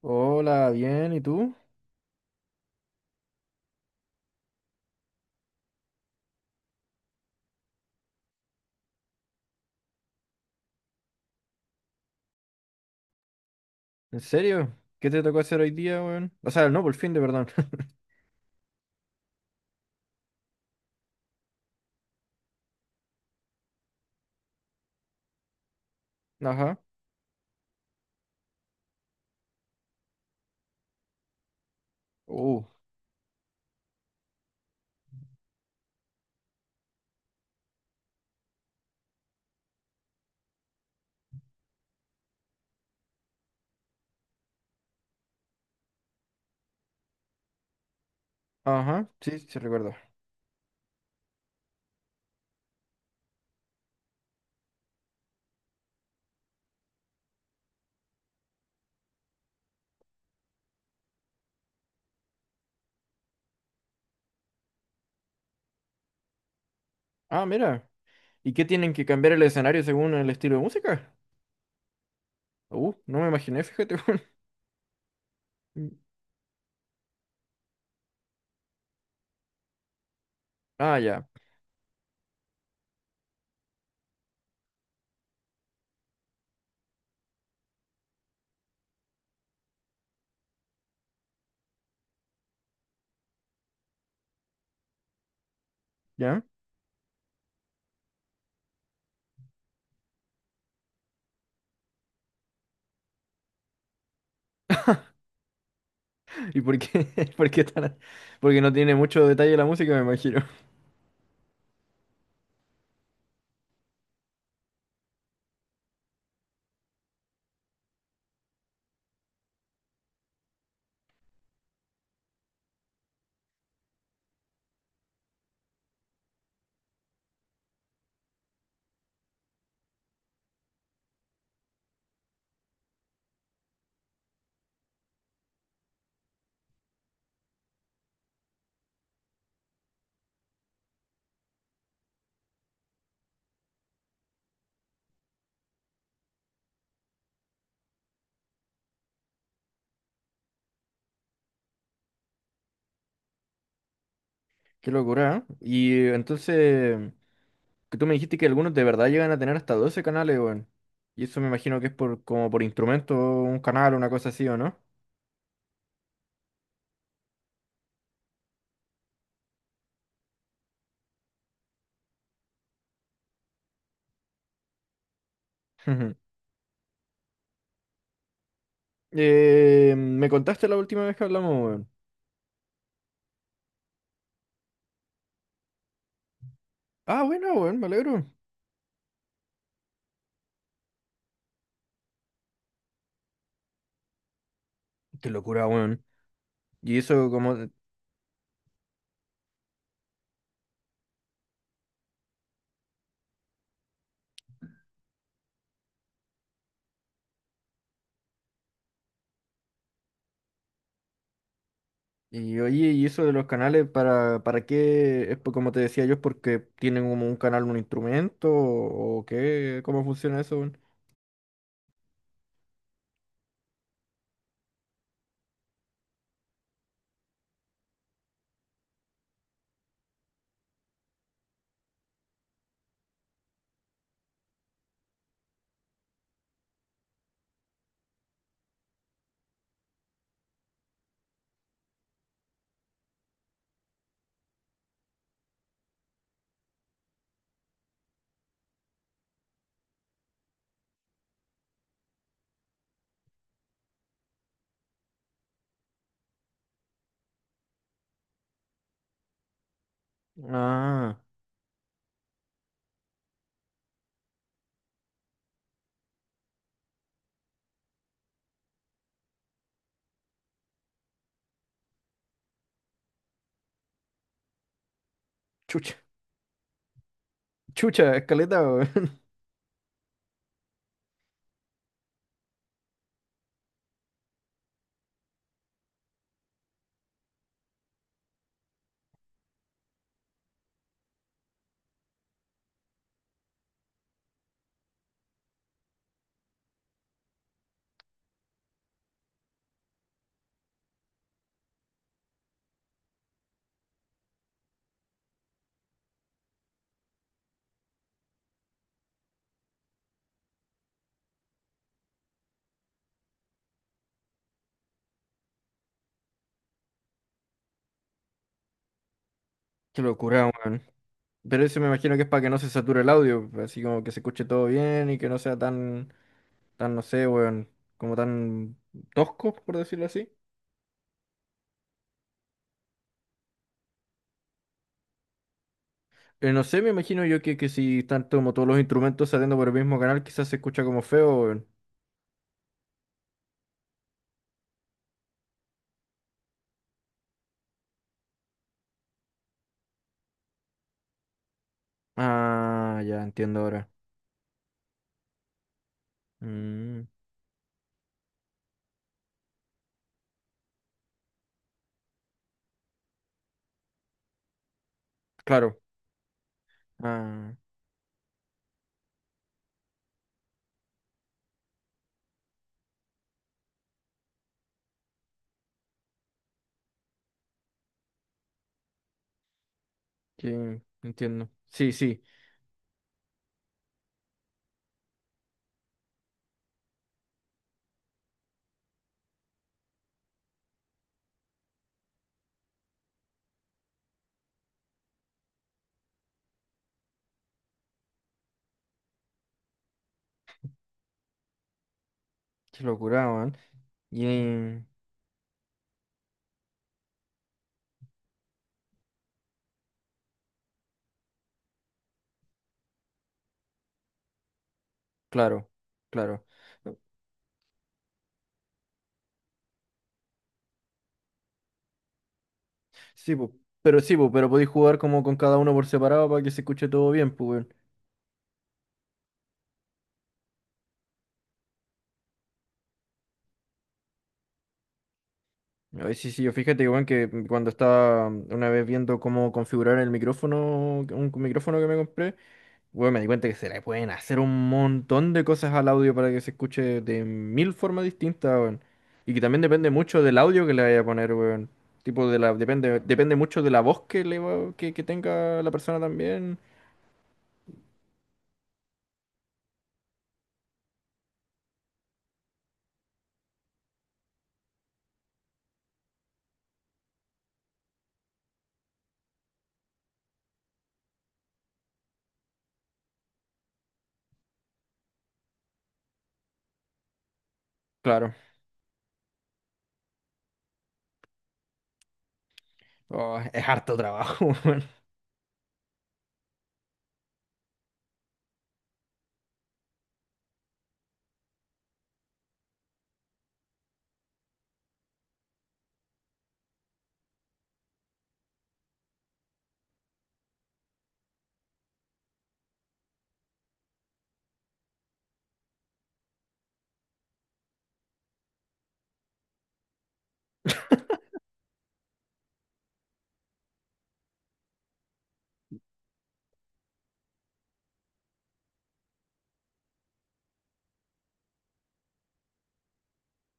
Hola, bien, ¿y tú? ¿En serio? ¿Qué te tocó hacer hoy día, weón? O sea, no, por fin de perdón. Ajá. Uh. Ajá, sí, sí recuerdo. Ah, mira. ¿Y qué tienen que cambiar el escenario según el estilo de música? No me imaginé, fíjate, weón. Mm. Ah, ya. ¿Ya? ¿Y por qué? ¿Por qué tan... Porque no tiene mucho detalle la música, me imagino. Qué locura, ¿eh? Y entonces, que tú me dijiste que algunos de verdad llegan a tener hasta 12 canales, weón. Y eso me imagino que es por como por instrumento, un canal, una cosa así, ¿o no? Me contaste la última vez que hablamos, weón. Ah, bueno, weón, me alegro. Qué locura, weón. Y eso como... Y oye, y eso de los canales, para qué? Es por- como te decía yo, es porque tienen como un canal, un instrumento, o qué, ¿cómo funciona eso, weón? Ah, chucha, chucha, escaleta, weón. Qué locura, weón. Pero eso me imagino que es para que no se sature el audio, así como que se escuche todo bien y que no sea tan, no sé, weón, como tan tosco, por decirlo así. No sé, me imagino yo que si están como todos los instrumentos saliendo por el mismo canal, quizás se escucha como feo, weón. Ah, ya entiendo ahora. Mm, claro. Ah, sí, entiendo. Sí, sí, qué locura, weón. Y claro, claro. Sí, po, sí, po, pero podéis jugar como con cada uno por separado para que se escuche todo bien, pues. Ay, sí, sí, yo fíjate que, bueno, que cuando estaba una vez viendo cómo configurar el micrófono, un micrófono que me compré, bueno, me di cuenta que se le pueden hacer un montón de cosas al audio para que se escuche de mil formas distintas, weón. Y que también depende mucho del audio que le vaya a poner, weón. Tipo de la, depende mucho de la voz que le va- que tenga la persona también. Claro. Oh, es harto trabajo, weón.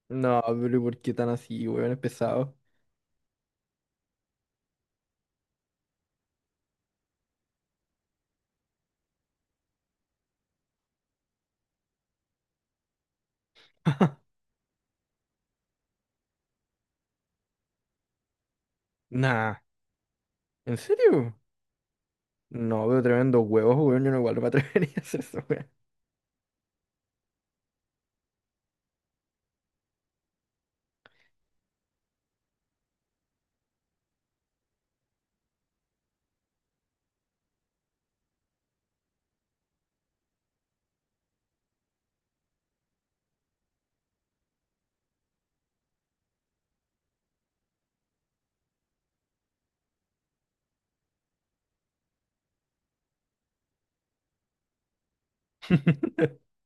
No, pero ¿por qué tan así, weón? Es pesado. Nah. ¿En serio? No, veo tremendo huevos, weón. Yo no igual no me atrevería a hacer eso, weón.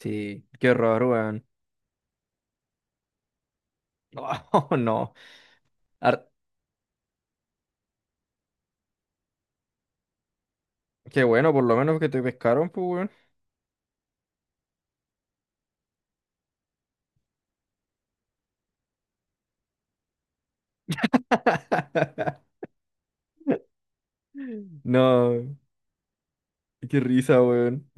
Sí, qué horror, weón. Oh, no. Ar- qué bueno, por lo menos que te pescaron, pues, weón. No, qué risa, weón.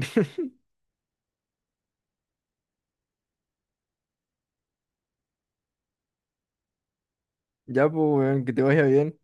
Ya, pues, weón, que te vaya bien.